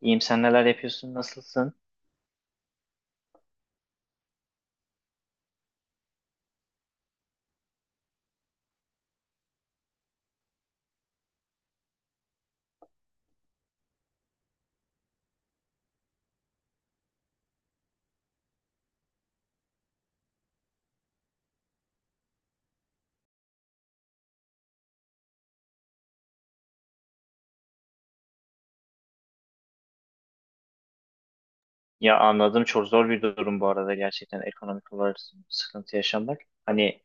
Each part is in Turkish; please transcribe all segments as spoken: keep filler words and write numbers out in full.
İyiyim sen neler yapıyorsun nasılsın? Ya anladım, çok zor bir durum bu arada gerçekten ekonomik olarak sıkıntı yaşamak. Hani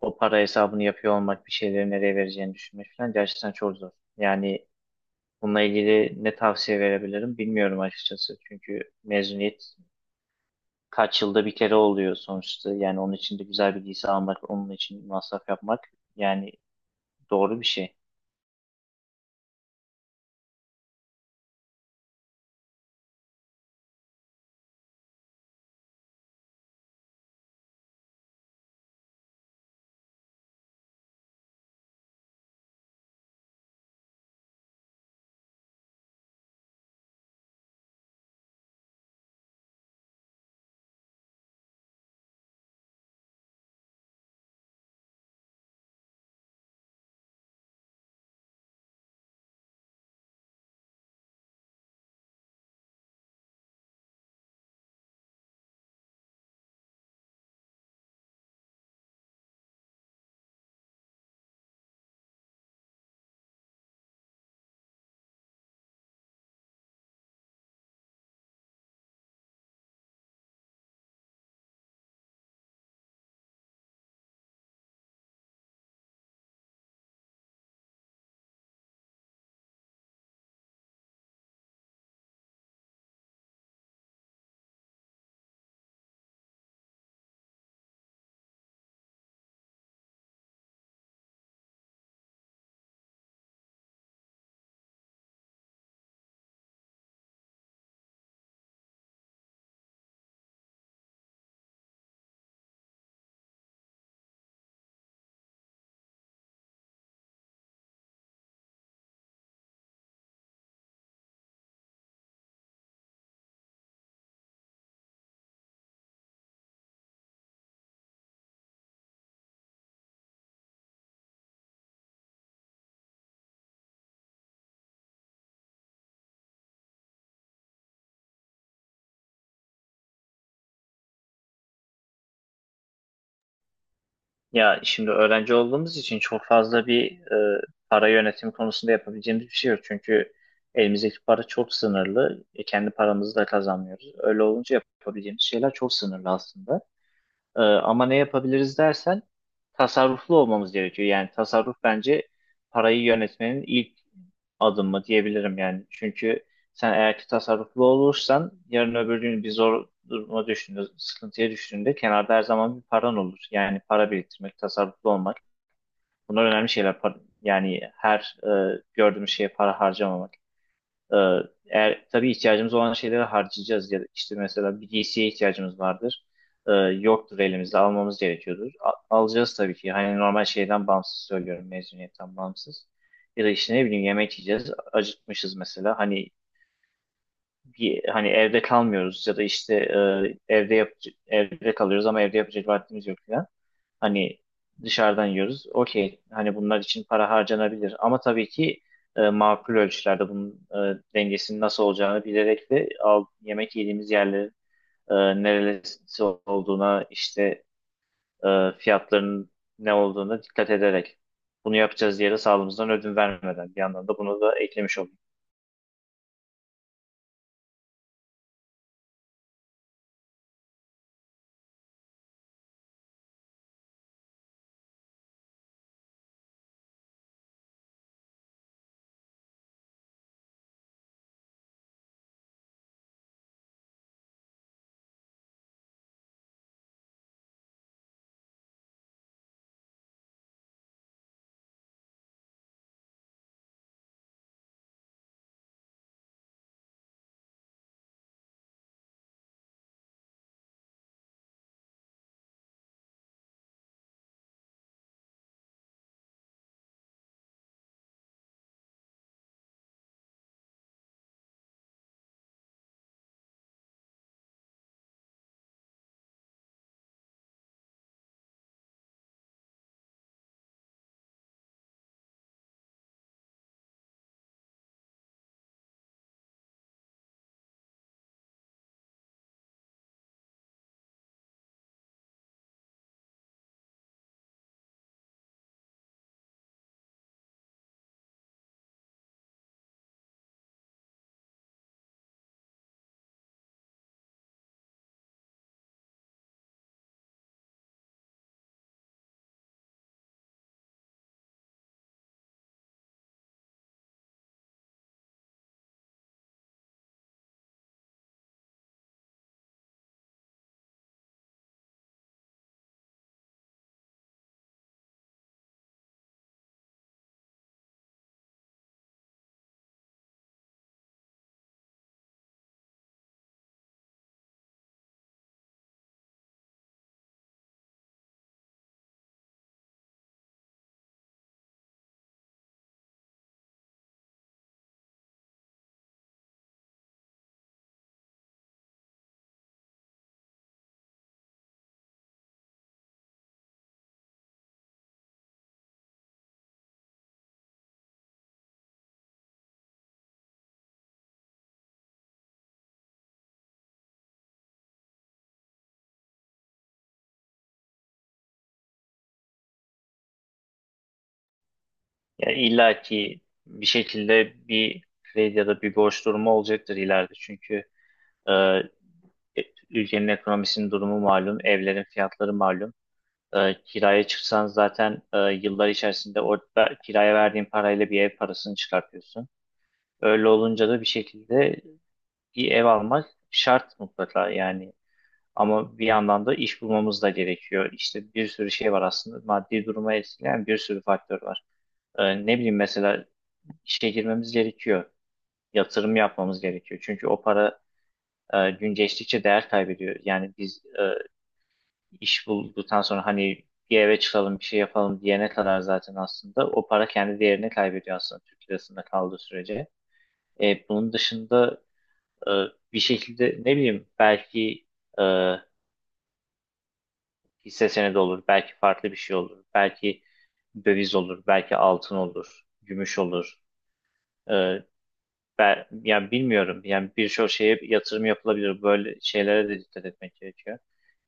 o para hesabını yapıyor olmak, bir şeyleri nereye vereceğini düşünmek falan gerçekten çok zor. Yani bununla ilgili ne tavsiye verebilirim bilmiyorum açıkçası. Çünkü mezuniyet kaç yılda bir kere oluyor sonuçta. Yani onun için de güzel bir giysi almak, onun için masraf yapmak yani doğru bir şey. Ya şimdi öğrenci olduğumuz için çok fazla bir e, para yönetimi konusunda yapabileceğimiz bir şey yok. Çünkü elimizdeki para çok sınırlı. E, kendi paramızı da kazanmıyoruz. Öyle olunca yapabileceğimiz şeyler çok sınırlı aslında. Ee, ama ne yapabiliriz dersen tasarruflu olmamız gerekiyor. Yani tasarruf bence parayı yönetmenin ilk adımı diyebilirim yani. Çünkü sen eğer ki tasarruflu olursan yarın öbür gün bir zor duruma düştüğünde, sıkıntıya düştüğünde kenarda her zaman bir paran olur. Yani para biriktirmek, tasarruflu olmak bunlar önemli şeyler. Par- Yani her e, gördüğümüz şeye para harcamamak. Ee, Eğer tabii ihtiyacımız olan şeyleri harcayacağız ya da işte mesela bir giysiye ihtiyacımız vardır. Ee, yoktur, elimizde almamız gerekiyordur. A- alacağız tabii ki. Hani normal şeyden bağımsız söylüyorum, mezuniyetten bağımsız. Ya da işte ne bileyim yemek yiyeceğiz. Acıkmışız mesela. Hani bir, hani evde kalmıyoruz ya da işte e, evde yap evde kalıyoruz ama evde yapacak vaktimiz yok falan. Hani dışarıdan yiyoruz. Okey. Hani bunlar için para harcanabilir. Ama tabii ki e, makul ölçülerde bunun e, dengesinin nasıl olacağını bilerek ve al, yemek yediğimiz yerlerin e, neresi olduğuna işte e, fiyatlarının ne olduğuna dikkat ederek bunu yapacağız diye de sağlığımızdan ödün vermeden bir yandan da bunu da eklemiş olduk. Yani illa ki bir şekilde bir kredi ya da bir borç durumu olacaktır ileride. Çünkü e, E, ülkenin ekonomisinin durumu malum, evlerin fiyatları malum. E, kiraya çıksan zaten e, yıllar içerisinde orada kiraya verdiğin parayla bir ev parasını çıkartıyorsun. Öyle olunca da bir şekilde bir ev almak şart mutlaka yani. Ama bir yandan da iş bulmamız da gerekiyor. İşte bir sürü şey var aslında. Maddi duruma etkileyen bir sürü faktör var. E, ne bileyim mesela işe girmemiz gerekiyor. Yatırım yapmamız gerekiyor. Çünkü o para e, gün geçtikçe değer kaybediyor. Yani biz e, iş bulduktan sonra hani bir eve çıkalım bir şey yapalım diyene kadar zaten aslında o para kendi değerini kaybediyor aslında Türk lirasında kaldığı sürece. E, bunun dışında e, bir şekilde ne bileyim belki e, hisse senedi olur, belki farklı bir şey olur, belki döviz olur, belki altın olur, gümüş olur. E, Ben yani bilmiyorum. Yani birçok şeye yatırım yapılabilir. Böyle şeylere de dikkat etmek gerekiyor.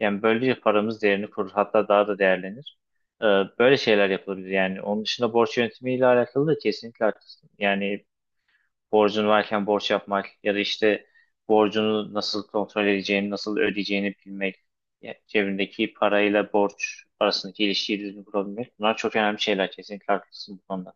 Yani böylece paramız değerini korur. Hatta daha da değerlenir. Ee, Böyle şeyler yapılabilir. Yani onun dışında borç yönetimiyle alakalı da kesinlikle haklısın. Yani borcun varken borç yapmak ya da işte borcunu nasıl kontrol edeceğini, nasıl ödeyeceğini bilmek, yani cebindeki parayla borç arasındaki ilişkiyi düzgün kurabilmek. Bunlar çok önemli şeyler. Kesinlikle haklısın bu konuda.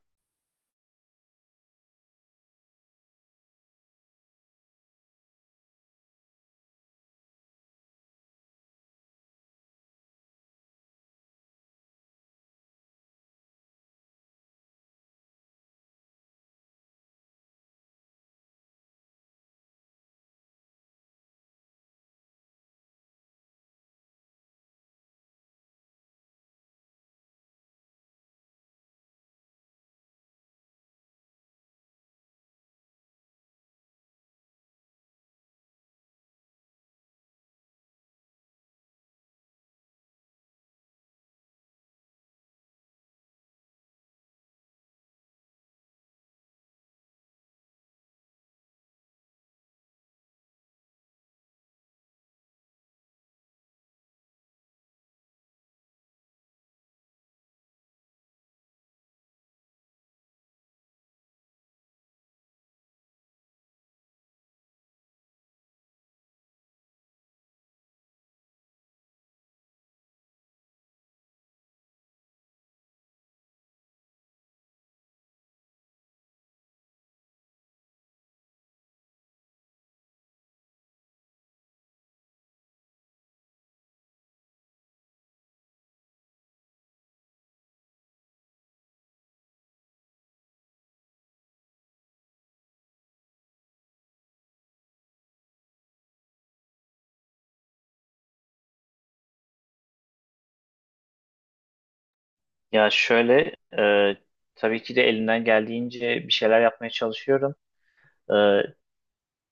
Ya şöyle, e, tabii ki de elimden geldiğince bir şeyler yapmaya çalışıyorum.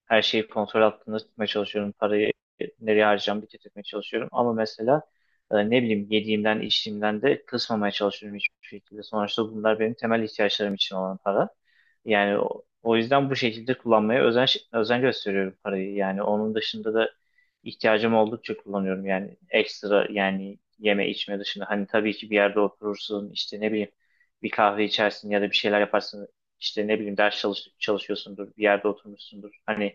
Her şeyi kontrol altında tutmaya çalışıyorum. Parayı nereye harcayacağımı bir tutmaya çalışıyorum. Ama mesela e, ne bileyim yediğimden içtiğimden de kısmamaya çalışıyorum hiçbir şekilde. Sonuçta bunlar benim temel ihtiyaçlarım için olan para. Yani o, o yüzden bu şekilde kullanmaya özen, özen gösteriyorum parayı. Yani onun dışında da ihtiyacım oldukça kullanıyorum. Yani ekstra yani yeme içme dışında. Hani tabii ki bir yerde oturursun, işte ne bileyim bir kahve içersin ya da bir şeyler yaparsın. İşte ne bileyim ders çalış, çalışıyorsundur, bir yerde oturmuşsundur. Hani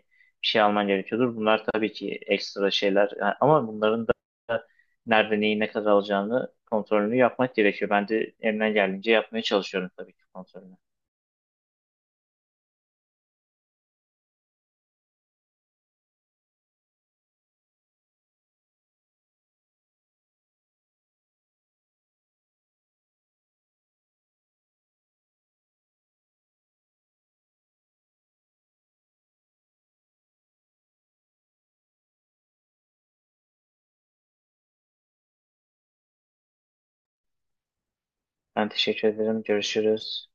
bir şey alman gerekiyordur. Bunlar tabii ki ekstra şeyler. Yani ama bunların da nerede neyi ne kadar alacağını kontrolünü yapmak gerekiyor. Ben de elimden geldiğince yapmaya çalışıyorum tabii ki kontrolünü. Ben teşekkür ederim. Görüşürüz.